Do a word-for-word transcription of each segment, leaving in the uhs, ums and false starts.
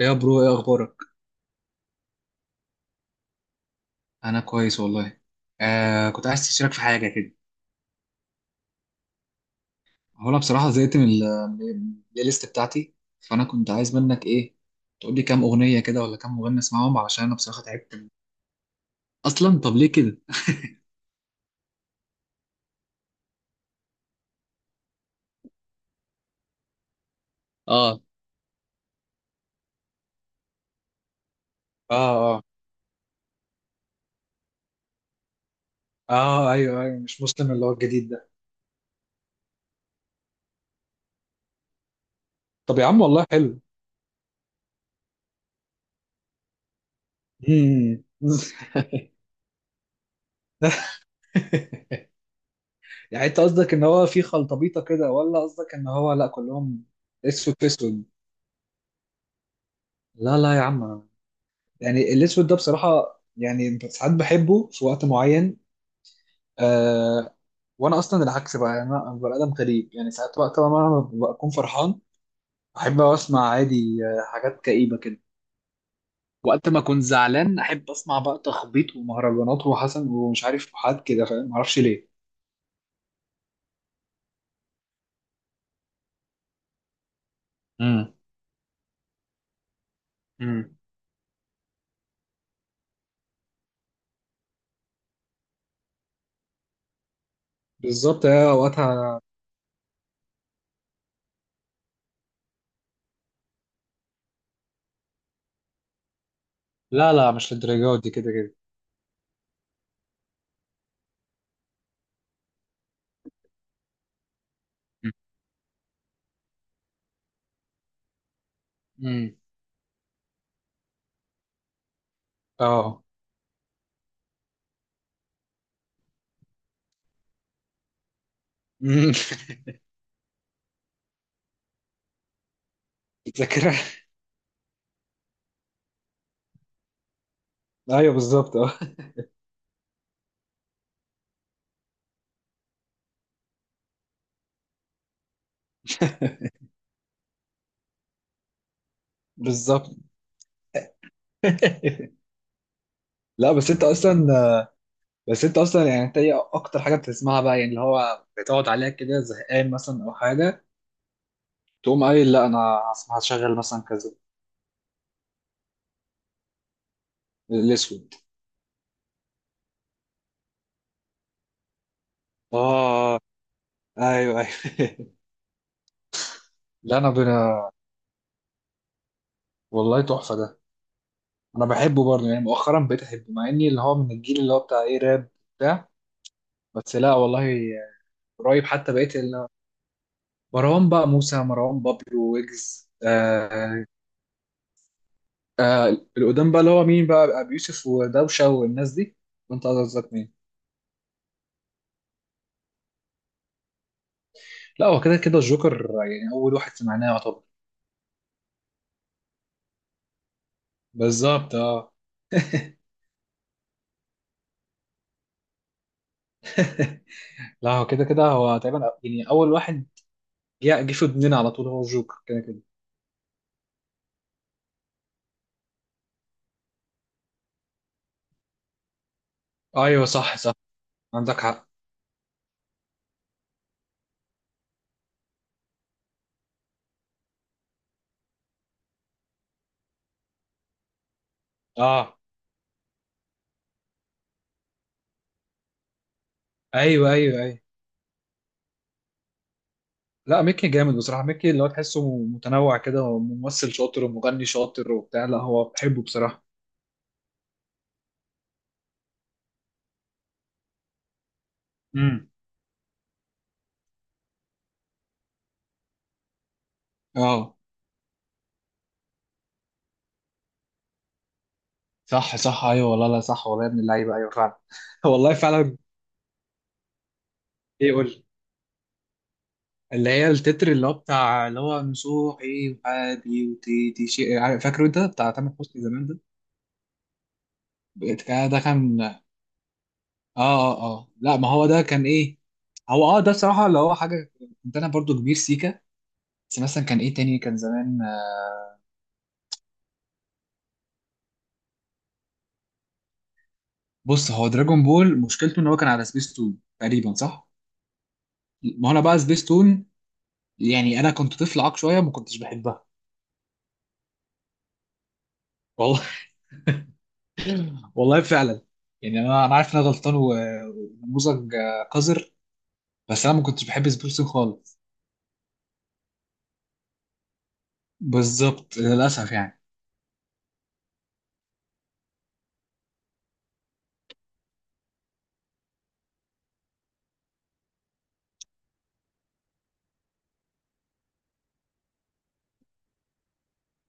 يا برو، ايه اخبارك؟ انا كويس والله. آه، كنت عايز تشارك في حاجه كده. هو انا بصراحه زهقت من ال- من البلاي ليست بتاعتي، فانا كنت عايز منك ايه، تقول لي كام اغنيه كده ولا كام مغني اسمعهم، علشان انا بصراحه تعبت من- اصلا طب ليه كده؟ اه، اه، اه، اه، ايوه، ايوه، مش مسلم اللي هو الجديد ده؟ طب يا عم، والله حلو. مم. يعني انت قصدك ان هو في خلطبيطه كده، ولا قصدك ان هو لا كلهم اسود في اسود؟ لا، لا يا عم، يعني الاسود ده بصراحه يعني ساعات بحبه في وقت معين. آه. وانا اصلا العكس بقى، يعني انا بني ادم غريب، يعني ساعات وقت ما انا بكون فرحان احب اسمع عادي آه، حاجات كئيبه كده. وقت ما اكون زعلان احب اسمع بقى تخبيط ومهرجانات وحسن ومش عارف حاجات كده، فاهم؟ معرفش ليه. امم امم بالظبط، هي وقتها. لا، لا، مش للدرجه دي كده كده. امم اه. مم. فاكرها. ايوه، بالظبط، اه. بالظبط. لا بس انت اصلا بس انت اصلا يعني انت ايه اكتر حاجه بتسمعها بقى يعني اللي هو بتقعد عليها كده زهقان مثلا او حاجه تقوم قايل لا انا هسمع- هشغل مثلا كذا الاسود اه ايوه ايوه لا انا بنا... والله تحفه ده. انا بحبه برضه، يعني مؤخرا بقيت احبه، مع اني اللي هو من الجيل اللي هو بتاع ايه راب بتاع. بس لا والله، قريب حتى بقيت ال- مروان بقى موسى، مروان بابلو، ويجز، آه آه، القدام بقى اللي هو مين بقى، ابو يوسف ودوشه والناس دي؟ وانت قصدك مين؟ لا هو كده كده الجوكر، يعني اول واحد سمعناه يعتبر. بالظبط، اه. لا هو كده كده، هو تقريبا يعني اول واحد جه جه في ودننا على طول هو الجوكر كده كده. ايوه، صح، صح، عندك حق، اه، ايوه، ايوه، ايوه. لا ميكي جامد بصراحه، ميكي اللي هو تحسه متنوع كده، هو ممثل شاطر ومغني شاطر وبتاع، لا هو بحبه بصراحه. امم اه، صح، صح، ايوه والله، لا صح والله يا ابن اللعيبه، ايوه فعلا. والله فعلا. ايه، قول. اللي هي التتر اللي هو بتاع اللي هو نصوحي وحابي وتيتي شيء عارف- فاكره، انت بتاع تامر حسني زمان ده؟ بتاع- ده كان اه، اه، اه، لا ما هو ده كان ايه، هو اه ده بصراحة اللي هو حاجة. كنت انا برضو كبير سيكا، بس مثلا كان ايه تاني كان زمان آه، بص، هو دراجون بول مشكلته ان هو كان على سبيس تون تقريبا، صح؟ ما هو انا بقى سبيس تون، يعني انا كنت طفل عاق شوية، ما كنتش بحبها. والله. والله فعلا. يعني انا انا عارف ان انا غلطان و- ونموذج آه، قذر. بس انا ما كنتش بحب سبورتين خالص. بالظبط، للاسف يعني.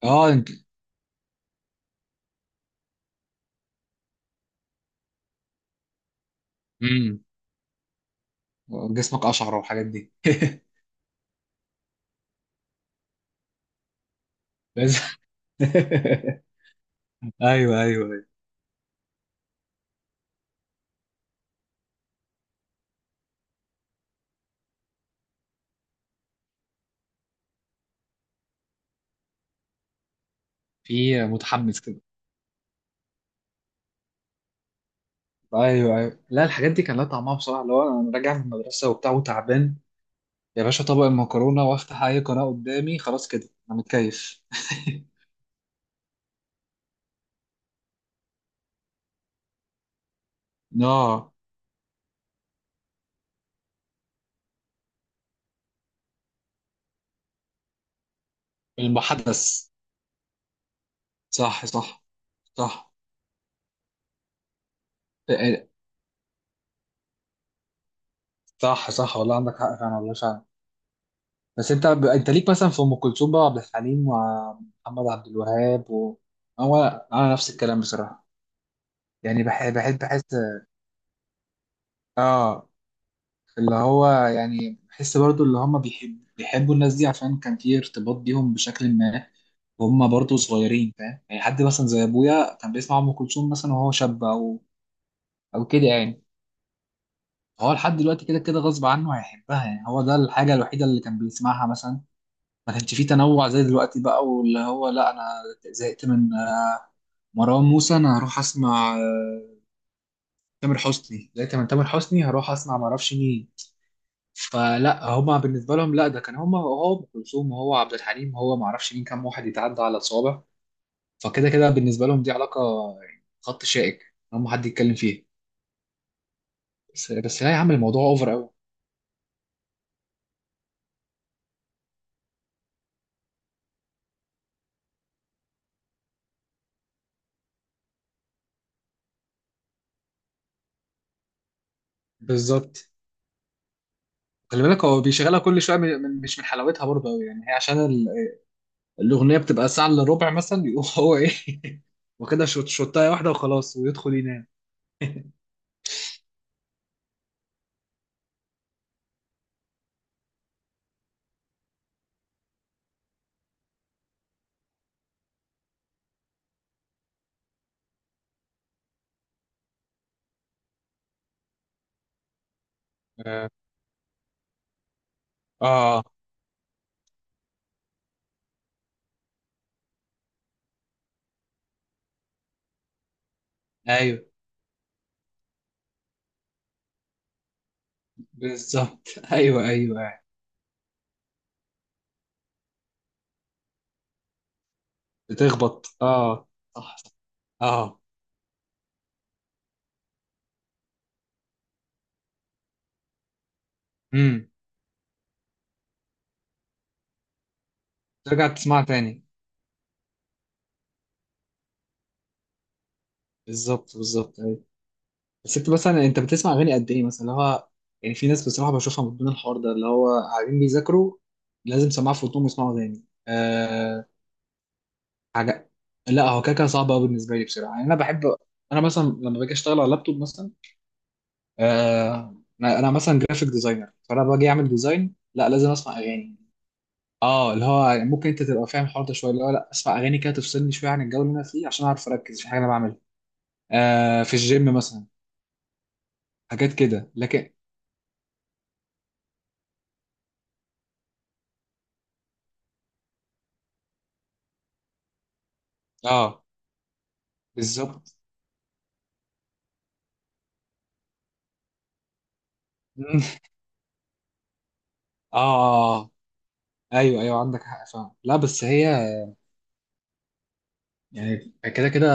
اه، انت. امم جسمك اشعر والحاجات دي. لازم. ايوه، ايوه، ايوه، في متحمس كده. ايوه، ايوه، لا الحاجات دي كان لها طعمها بصراحه، اللي هو انا راجع من المدرسه وبتاع وتعبان. يا باشا، طبق المكرونه وافتح اي قناه قدامي، خلاص كده انا متكيف. اه. المحدث، صح، صح. صح. إيه، إيه، صح، صح والله، عندك حق فعلا والله. بس انت ب... انت ليك مثلا في ام كلثوم بقى وعبد الحليم ومحمد عبد الوهاب و... هو انا نفس الكلام بصراحه. يعني بحب بحب بحس. اه، اللي هو يعني بحس برضو اللي هم بيحب بيحبوا الناس دي عشان كان في ارتباط بيهم بشكل ما. وهم برضو صغيرين، فاهم، يعني حد مثلا زي ابويا كان بيسمع ام كلثوم مثلا وهو شاب، او او كده يعني. هو لحد دلوقتي كده كده غصب عنه هيحبها، يعني هو ده الحاجه الوحيده اللي كان بيسمعها مثلا. ما كانش فيه تنوع زي دلوقتي بقى، واللي هو لا انا زهقت من آه، مروان موسى انا هروح اسمع آه، تامر حسني، زهقت من تامر حسني هروح اسمع ما اعرفش مين. فلا هما بالنسبه لهم، لا ده كان هما هو ام كلثوم وهو عبد الحليم وهو ما اعرفش مين، كام واحد يتعدى على الصوابع. فكده كده بالنسبه لهم دي علاقه، يعني خط شائك هم حد يتكلم فيه. بس، بس، لا يا عم، الموضوع اوفر قوي. بالظبط. خلي بالك هو بيشغلها كل شويه، من من- مش من حلاوتها برضه قوي يعني، هي عشان الاغنيه بتبقى ساعه الا ربع مثلا، يقوم هو ايه، واخدها شوت شوتايه واحده وخلاص، ويدخل ينام. اه. آه. ايوه، بالظبط. ايوه، ايوه، أيوة. بتخبط، اه. صح، صح. اه. امم ترجع تسمعها تاني. بالظبط، بالظبط، ايوه. بس انت مثلا انت بتسمع اغاني قد ايه مثلا، اللي هو يعني في ناس بصراحه بشوفها من ضمن الحوار ده، اللي هو قاعدين بيذاكروا لازم سماعه في ودنهم يسمعوا تاني آه حاجه. لا هو كده كده صعب قوي بالنسبه لي بصراحه، يعني انا بحب. انا مثلا لما باجي اشتغل على اللابتوب مثلا، آه انا أنا مثلا جرافيك ديزاينر، فانا باجي اعمل ديزاين، لا لازم اسمع اغاني. اه، اللي هو يعني ممكن انت تبقى فاهم الحوار ده شويه، اللي هو لا اسمع اغاني كده تفصلني شويه عن الجو اللي انا فيه، عشان اعرف اركز في حاجه انا بعملها. آه، في الجيم مثلا. حاجات كده، لكن. اه، بالظبط. اه، ايوه، ايوه، عندك حق فعلا، لا بس هي، يعني كده كده،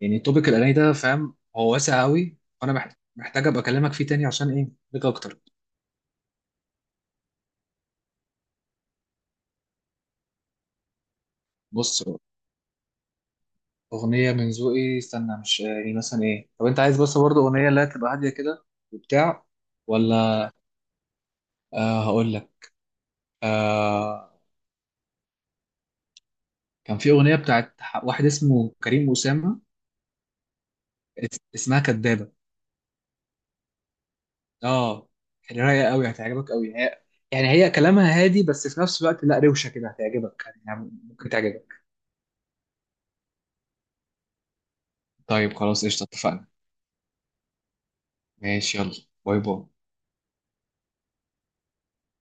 يعني توبيك الاغاني ده فاهم، هو واسع قوي، فانا محت- محتاج ابقى اكلمك فيه تاني عشان ايه ليك اكتر. بص، أغنية من ذوقي استنى، مش يعني مثلا إيه، طب أنت عايز بس برضه أغنية اللي هي تبقى هادية كده وبتاع، ولا؟ آه، هقول لك. آه، كان في أغنية بتاعت ح- واحد اسمه كريم أسامة. اس- اسمها كدابة. آه. يعني رايقة قوي، هتعجبك قوي هي. يعني هي كلامها هادي، بس في نفس الوقت لا روشة كده، هتعجبك، يعني ممكن تعجبك. طيب، خلاص، قشطة، اتفقنا. ماشي، يلا. باي، باي.